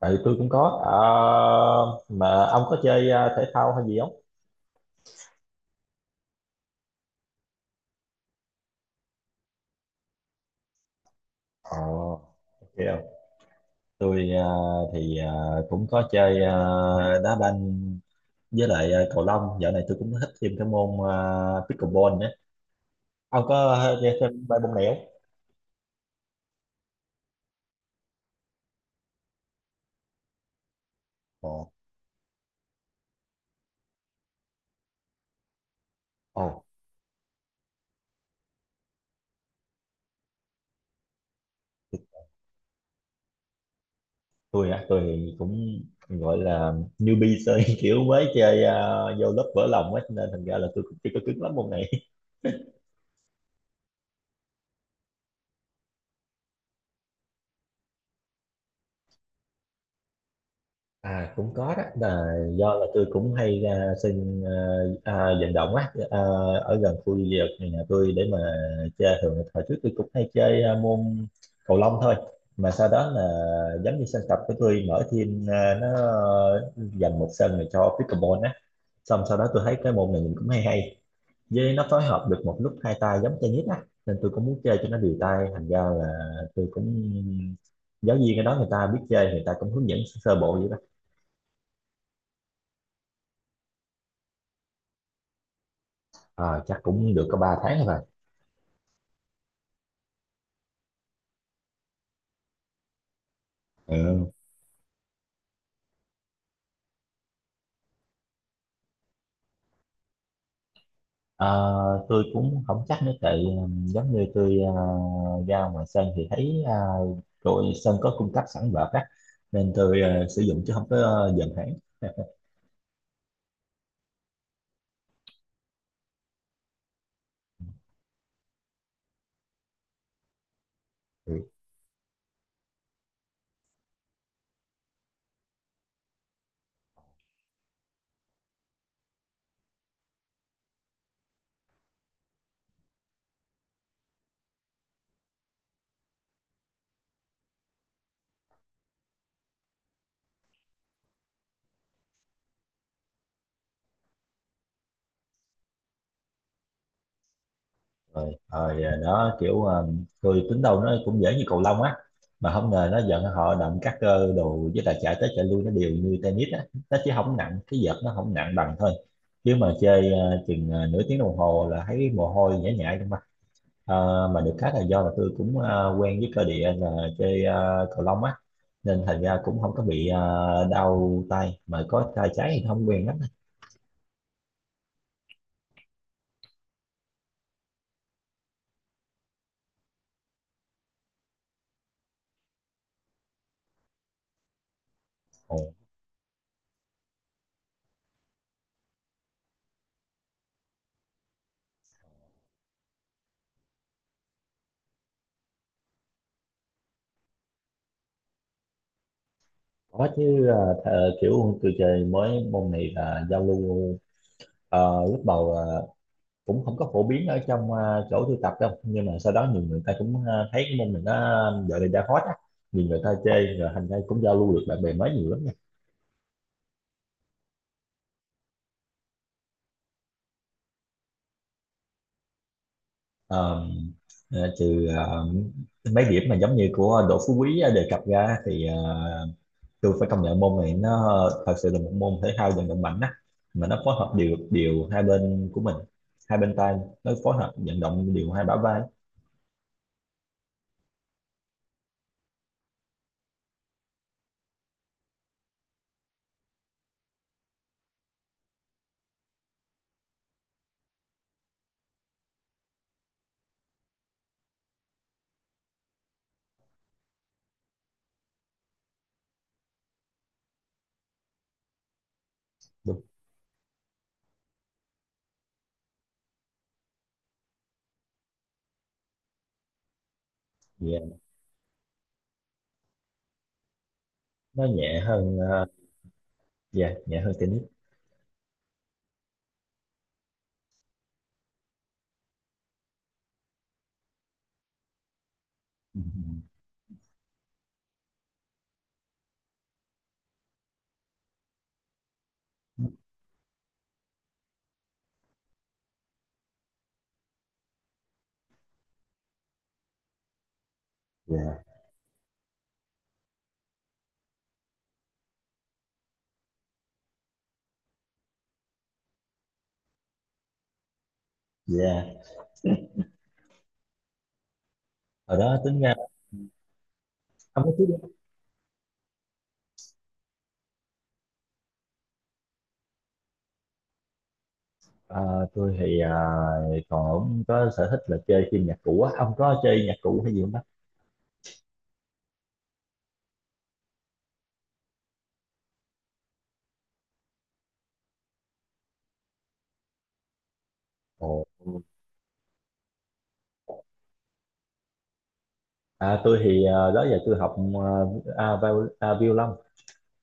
Tại tôi cũng có. Ờ, mà ông có chơi thể thao hay gì không? Ờ, ok. Tôi thì cũng có chơi đá banh, với lại cầu lông. Dạo này tôi cũng thích thêm cái môn pickleball nữa. Ông có chơi thêm ba môn này không? Ồ, ồ. Tôi thì cũng gọi là newbie chơi, kiểu mới chơi, vô lớp vỡ lòng á, cho nên thành ra là tôi cũng chưa có cứng lắm môn này. À, cũng có đó, là do là tôi cũng hay ra sân, vận động á, ở gần khu vực nhà tôi để mà chơi. Thường là hồi trước tôi cũng hay chơi môn cầu lông thôi, mà sau đó là giống như sân tập của tôi mở thêm, nó dành một sân này cho pickleball á. Xong sau đó tôi thấy cái môn này nhìn cũng hay hay, với nó phối hợp được một lúc hai tay giống tennis á, nên tôi cũng muốn chơi cho nó đều tay. Thành ra là tôi cũng, giáo viên ở đó người ta biết chơi, người ta cũng hướng dẫn sơ bộ. Ờ, Chắc cũng được có 3 tháng rồi. Ừ. Ờ, tôi cũng không chắc nữa, tại giống như tôi ra ngoài sân thì thấy đội sân có cung cấp sẵn vợt á, nên tôi sử dụng chứ không có dần hẳn. Ừ. Rồi, rồi. Ờ, Đó kiểu tôi tính đâu nó cũng dễ như cầu lông á, mà không ngờ nó giận họ động các cơ đồ, với lại chạy tới chạy lui nó đều như tennis á. Nó chỉ không nặng, cái vợt nó không nặng bằng thôi. Chứ mà chơi chừng nửa tiếng đồng hồ là thấy mồ hôi nhễ nhại trong. Ờ, mà được cái là do là tôi cũng quen với cơ địa là chơi cầu lông á, nên thành ra cũng không có bị đau tay, mà có tay trái thì không quen lắm. Ồ, có chứ. Ờ, Kiểu tôi chơi mới môn này là giao lưu. Lúc đầu là cũng không có phổ biến ở trong, chỗ tôi tập đâu, nhưng mà sau đó nhiều người ta cũng thấy cái môn này nó giờ này đang hot á, nhiều người ta chơi rồi, thành ra cũng giao lưu được bạn bè mới nhiều lắm. Ờ, Trừ mấy điểm mà giống như của Đỗ Phú Quý đề cập ra, thì tôi phải công nhận môn này nó thật sự là một môn thể thao vận động mạnh á, mà nó phối hợp điều điều hai bên của mình, hai bên tay, nó phối hợp vận động điều hai bả vai. Đúng. Dạ, nó nhẹ hơn. Ờ, dạ, nhẹ hơn tennis. Ừ. Dạ, dạ. Ở đó tính ra ông có thích không? Ờ, tôi thì còn có sở thích là chơi phim nhạc cụ á. Ông có chơi nhạc cụ hay gì không bác? Ồ. À, tôi thì đó giờ tôi học, violon.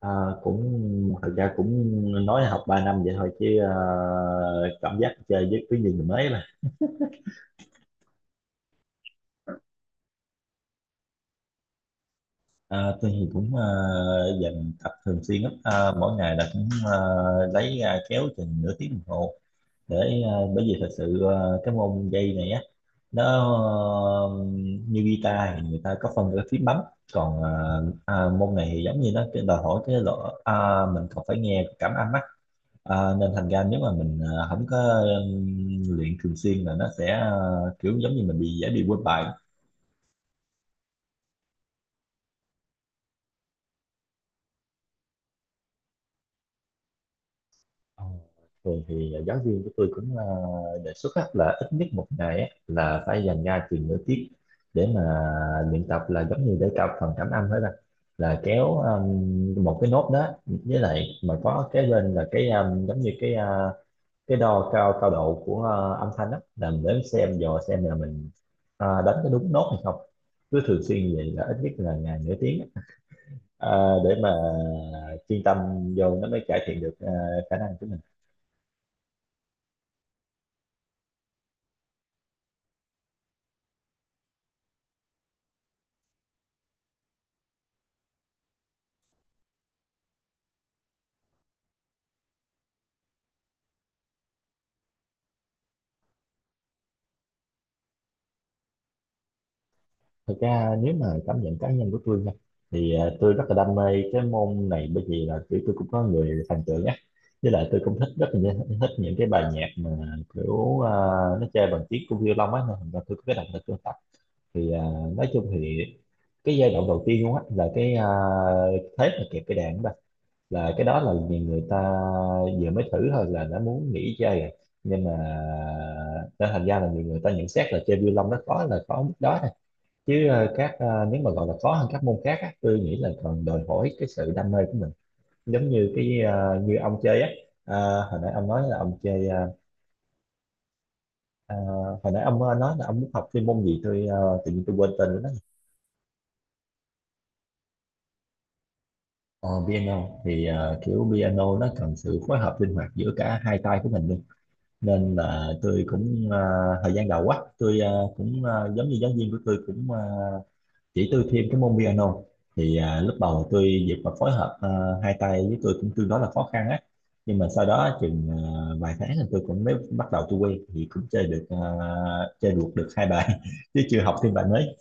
à, Cũng, thật ra cũng nói là học 3 năm vậy thôi, chứ cảm giác chơi với cái gì thì mới mà. Tôi thì cũng dành tập thường xuyên lắm, mỗi ngày là cũng lấy ra kéo chừng nửa tiếng đồng hồ để, bởi vì thật sự cái môn dây này á, nó ờ, như guitar thì người ta có phân cái phím bấm, còn môn này thì giống như nó cái đòi hỏi cái độ, mình còn phải nghe cảm âm á. À, nên thành ra nếu mà mình không có luyện thường xuyên là nó sẽ, kiểu giống như mình bị dễ bị quên bài. Ờ, Thường thì giáo viên của tôi cũng đề xuất á, là ít nhất một ngày á là phải dành ra chừng nửa tiết để mà luyện tập, là giống như để cao phần cảm âm hết bạn, là kéo một cái nốt đó, với lại mà có cái bên là cái, giống như cái, cái đo cao cao độ của âm thanh đó, là mình đến xem dò xem là mình đánh có đúng nốt hay không. Cứ thường xuyên như vậy là ít nhất là ngày nửa tiếng á, để mà chuyên tâm vô nó mới cải thiện được khả năng của mình. Thực ra nếu mà cảm nhận cá nhân của tôi nha, thì tôi rất là đam mê cái môn này, bởi vì là kiểu tôi cũng có người thần tượng á, với lại tôi cũng thích, rất là thích những cái bài nhạc mà kiểu nó chơi bằng tiếng của violon á, nên là tôi có cái động lực tôi. Thì nói chung thì cái giai đoạn đầu tiên luôn á, là cái, thế mà kẹp cái đàn đó, là cái đó là nhiều người ta vừa mới thử thôi là đã muốn nghỉ chơi rồi. Nhưng mà, nên thành ra là nhiều người ta nhận xét là chơi violon nó khó là khó mức đó thôi, chứ nếu mà gọi là khó hơn các môn khác á, tôi nghĩ là còn đòi hỏi cái sự đam mê của mình. Giống như cái, như ông chơi á, à, hồi nãy ông nói là ông chơi, à, hồi nãy ông nói là ông muốn học chuyên môn gì, tôi tự nhiên tôi quên tên rồi đó. Ờ, Piano thì kiểu piano nó cần sự phối hợp linh hoạt giữa cả hai tay của mình luôn, nên là tôi cũng, thời gian đầu á tôi giống như giáo viên của tôi cũng chỉ tôi thêm cái môn piano. Thì lúc đầu tôi việc mà phối hợp hai tay với tôi cũng tương đối là khó khăn á, nhưng mà sau đó chừng vài tháng thì tôi cũng mới bắt đầu tôi quen, thì cũng chơi được ờ, chơi được được hai bài chứ chưa học thêm bài mới.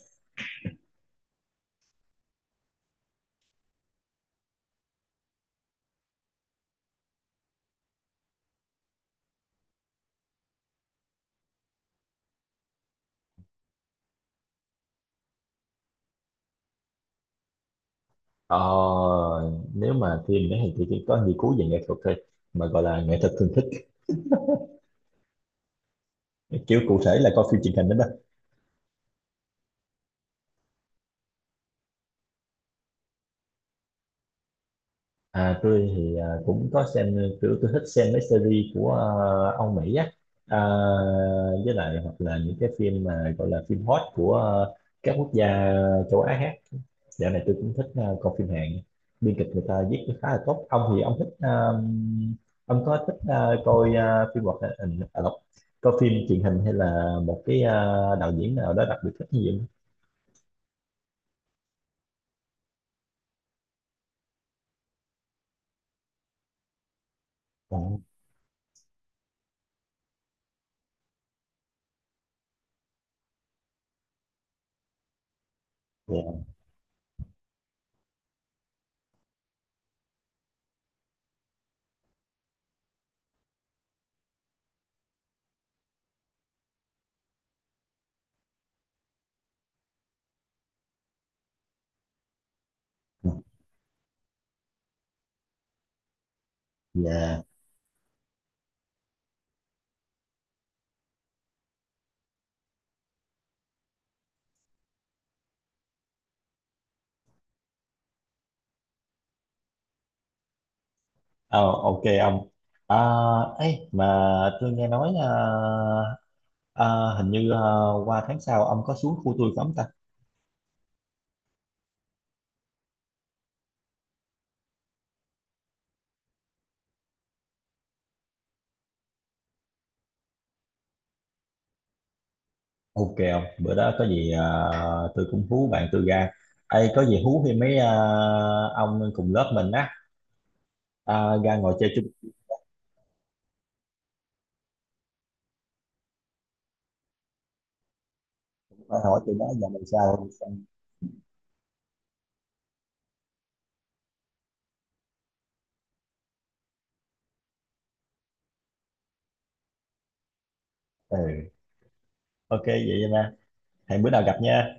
Ờ, Nếu mà phim đấy thì tôi chỉ có nghiên cứu về nghệ thuật thôi, mà gọi là nghệ thuật thường thích, kiểu cụ thể là coi phim truyền hình đó đó. Tôi thì cũng có xem, kiểu tôi thích xem mấy series của, Âu Mỹ á, à, với lại hoặc là những cái phim mà gọi là phim hot của, à, các quốc gia châu Á khác. Dạo này tôi cũng thích coi phim Hàn. Biên kịch người ta viết khá là tốt. Ông có thích coi phim hoạt hình, coi phim truyền hình hay là một cái, đạo diễn nào đó đặc biệt thích như vậy? Không? Ờ, dạ. Dạ. Ờ, ok ông. À, ấy mà tôi nghe nói, ờ, hình như qua tháng sau ông có xuống khu tôi không ta? Ok không? Bữa đó có gì tôi cũng hú bạn tôi ra. Ê, có gì hú thì mấy, ông cùng lớp mình á, ra ngồi chơi chung. Hỏi hỏi tụi nó giờ mình sao. Ừ, ok vậy nha. Hẹn bữa nào gặp nha.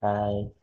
Bye.